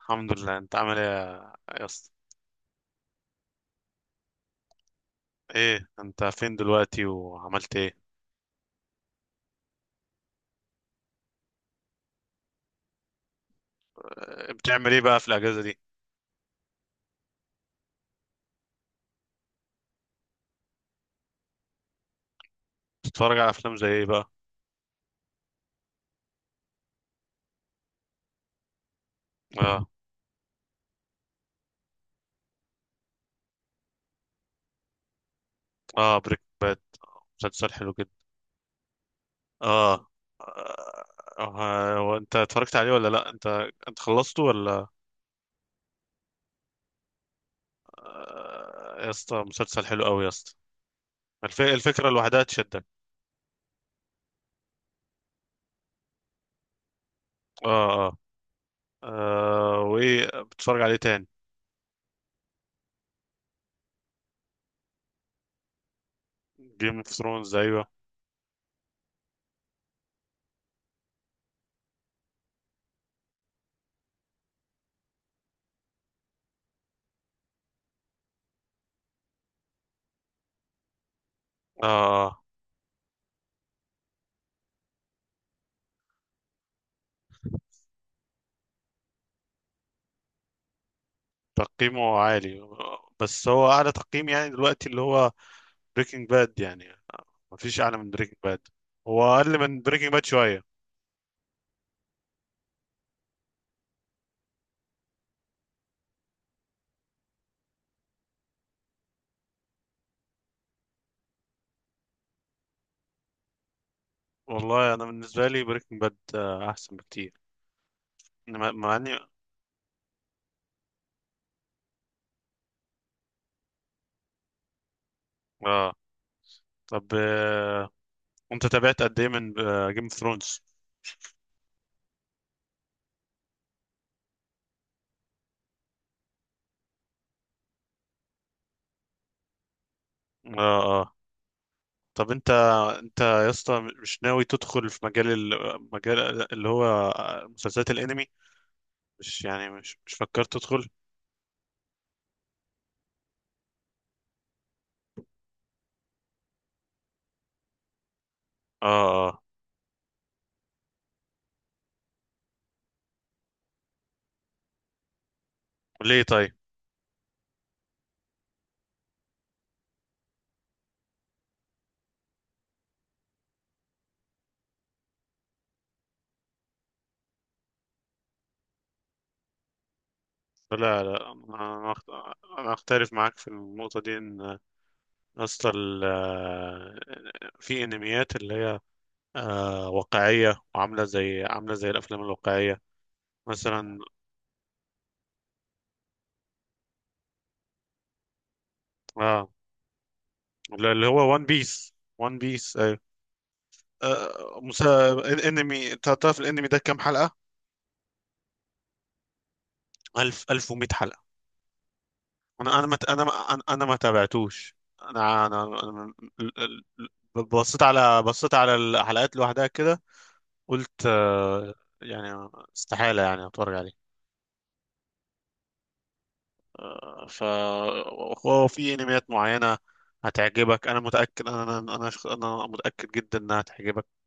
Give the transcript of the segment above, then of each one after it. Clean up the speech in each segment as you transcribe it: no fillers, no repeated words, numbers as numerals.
الحمد لله. انت عامل ايه يا يا اسطى؟ ايه انت فين دلوقتي وعملت ايه؟ اه، بتعمل ايه بقى في الاجازه دي؟ بتتفرج على افلام زي ايه بقى؟ اه. اه بريك باد مسلسل حلو جدا. اه. اه، اه، هو انت اتفرجت عليه ولا لا؟ انت خلصته ولا؟ اه، يا اسطى مسلسل حلو قوي يا اسطى. الفكره لوحدها تشدك. اه اه. اه، وايه بتتفرج عليه تاني؟ جيم اوف ثرونز، ايوه. اه. تقييمه عالي، بس هو اعلى تقييم يعني دلوقتي اللي هو بريكنج باد يعني؟ مفيش اعلى من بريكنج باد. هو اقل من بريكنج باد شويه. والله انا بالنسبه لي بريكنج باد احسن بكتير. مع اني اه. طب آه. انت تابعت قد ايه من جيم اوف ثرونز؟ اه اه. طب انت يا اسطى مش ناوي تدخل في مجال المجال اللي هو مسلسلات الانمي؟ مش يعني مش فكرت تدخل؟ اه اه. ليه طيب؟ لا لا أنا اختلف معاك في النقطه دي، ان اصلا في انميات اللي هي واقعيه وعامله زي الافلام الواقعيه مثلا. اه اللي هو وان بيس. وان بيس ايوه. انمي، تعرف الانمي ده كام حلقه؟ 1000 1100 حلقه. انا ما تابعتوش. انا انا أنا- ال- ال- ال- بصيت على الحلقات لوحدها كده. قلت آه، يعني استحالة يعني اتفرج عليه. آه، ف هو في انميات معينة هتعجبك. انا متأكد، أنا متأكد جدا انها هتعجبك،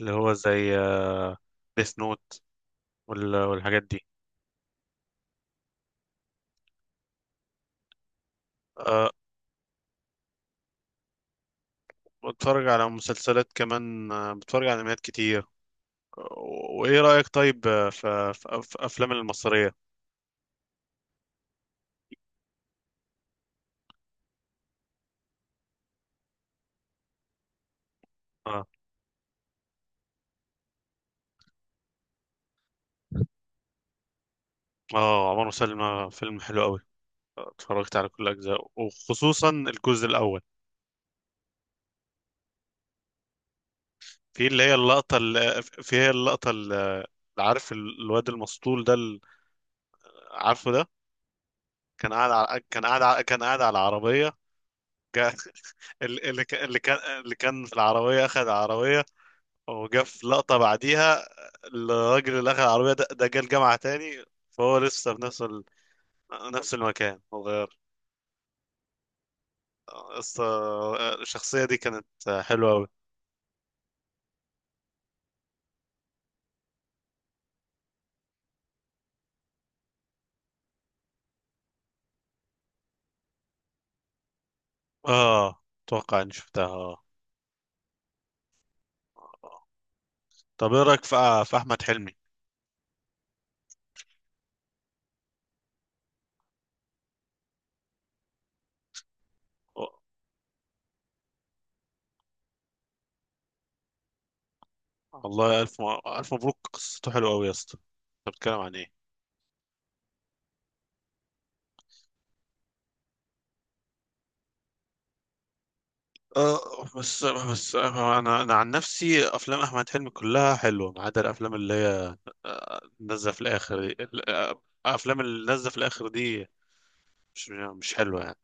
اللي هو زي ديث نوت والحاجات دي. آه، بتفرج على مسلسلات كمان، بتفرج على انميات كتير. وايه رأيك طيب في في افلام المصرية؟ اه. اه عمر وسلمى فيلم حلو قوي، اتفرجت على كل اجزاء وخصوصا الجزء الاول. في اللي هي اللقطة اللي في هي اللقطة اللي، عارف الواد المسطول عارفه ده؟ كان قاعد على كان قاعد على كان قاعد على العربية. جا- ال- اللي كان اللي كان اللي كان في العربية أخذ العربية، وجا في لقطة بعديها. الراجل اللي أخذ العربية ده جه الجامعة تاني، فهو لسه في نفس المكان، متغير بس. الشخصية دي كانت حلوة أوي. آه، أتوقع إني شفتها آه آه. آه. طب إيه رأيك في أحمد حلمي؟ والله ألف مبروك قصته حلوة أوي يا اسطى. أنت بتتكلم عن إيه؟ أه بس أنا عن نفسي أفلام أحمد حلمي كلها حلوة، ما عدا الأفلام اللي هي نازلة في الآخر دي ال- آه، الأفلام اللي نازلة في الآخر دي مش حلوة يعني.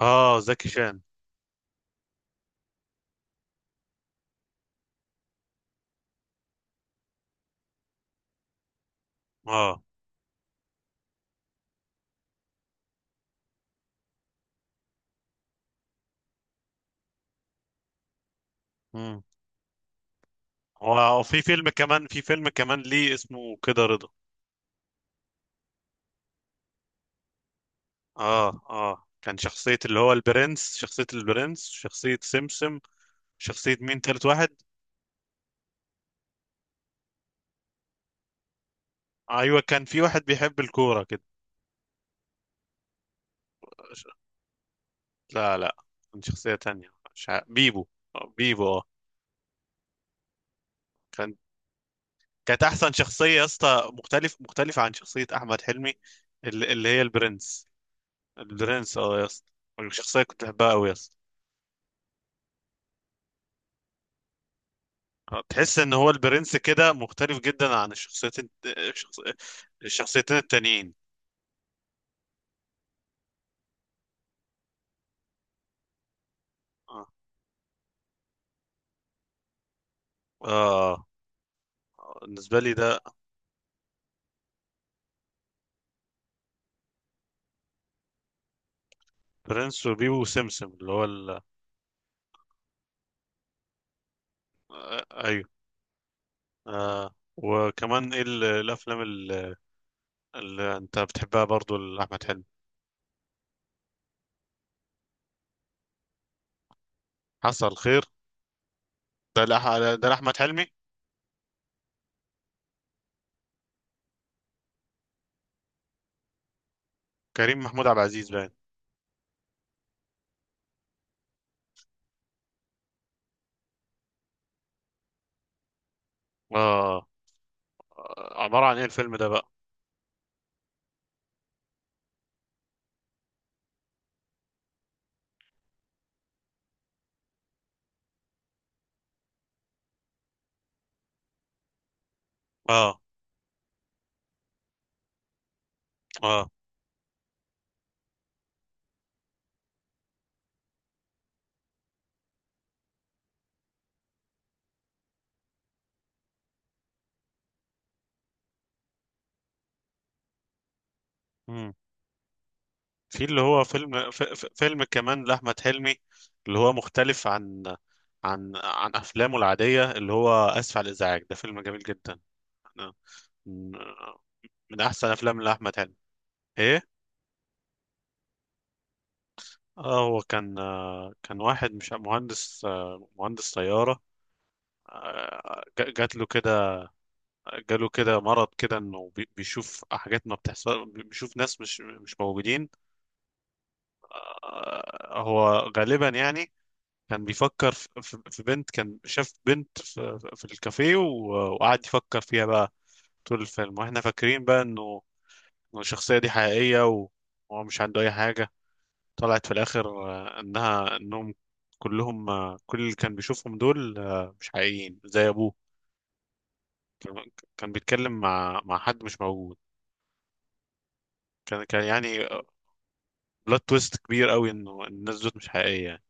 آه زكي شان. آه. مم. هو في فيلم كمان، في فيلم كمان، ليه، اسمه كده رضا. آه آه كان شخصية اللي هو البرنس، شخصية سمسم، شخصية مين تالت واحد؟ أيوة كان في واحد بيحب الكورة كده. لا لا، كان شخصية تانية مش عارف. بيبو. آه، بيبو اه. كان، كانت أحسن شخصية يا اسطى، مختلفة عن شخصية أحمد حلمي. اللي هي البرنس. البرنس اه يا اسطى، الشخصية كنت بحبها أوي يا اسطى. آه، تحس إن هو البرنس كده مختلف جدا عن الشخصيتين التانيين. اه. آه. بالنسبة لي ده. برنس وبيبو وسمسم اللي هو ال... آه، أيوه. آه. وكمان ايه الأفلام اللي أنت بتحبها برضو لأحمد حلمي؟ حصل خير. ده لأحمد حلمي. كريم محمود عبد العزيز باين. آه. عبارة عن إيه الفيلم ده بقى؟ آه آه. مم. في اللي هو فيلم كمان لأحمد حلمي، اللي هو مختلف عن عن أفلامه العادية، اللي هو آسف على الإزعاج. ده فيلم جميل جدا، أنا- من من أحسن أفلام لأحمد حلمي. إيه. آه، هو كان آه، كان واحد مش مهندس، آه، مهندس طيارة. آه، جات له كده، جاله كده مرض كده، انه بيشوف حاجات ما بتحصل، بيشوف ناس مش موجودين. آه، هو غالبا يعني كان بيفكر في في بنت، كان شاف بنت في الكافيه، وقعد يفكر فيها بقى طول الفيلم، واحنا فاكرين بقى إنه الشخصية دي حقيقية، وهو مش عنده اي حاجة. طلعت في الاخر آه، انهم كلهم آه، كل اللي كان بيشوفهم دول آه، مش حقيقيين، زي ابوه. كان، كان بيتكلم مع حد مش موجود. كان، كان يعني بلوت تويست كبير قوي، انه الناس دول مش حقيقيه يعني.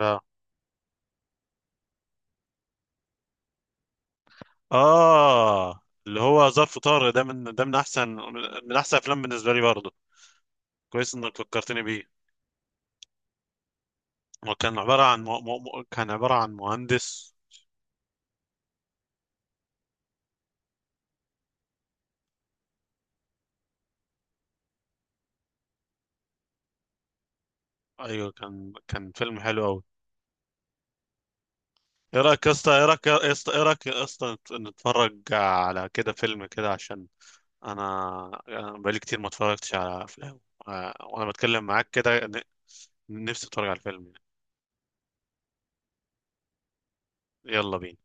اه اه. اللي هو ظرف طارق، ده من احسن، من احسن افلام بالنسبه لي برضه. كويس انك فكرتني بيه. هو كان عباره عن كان عباره عن مهندس. ايوه كان، كان فيلم حلو قوي. ايه رايك يا اسطى، نتفرج على كده فيلم كده؟ عشان انا، بقالي كتير ما اتفرجتش على افلام، آه، وانا بتكلم معاك كده نفسي اتفرج على الفيلم يعني. يلا بينا.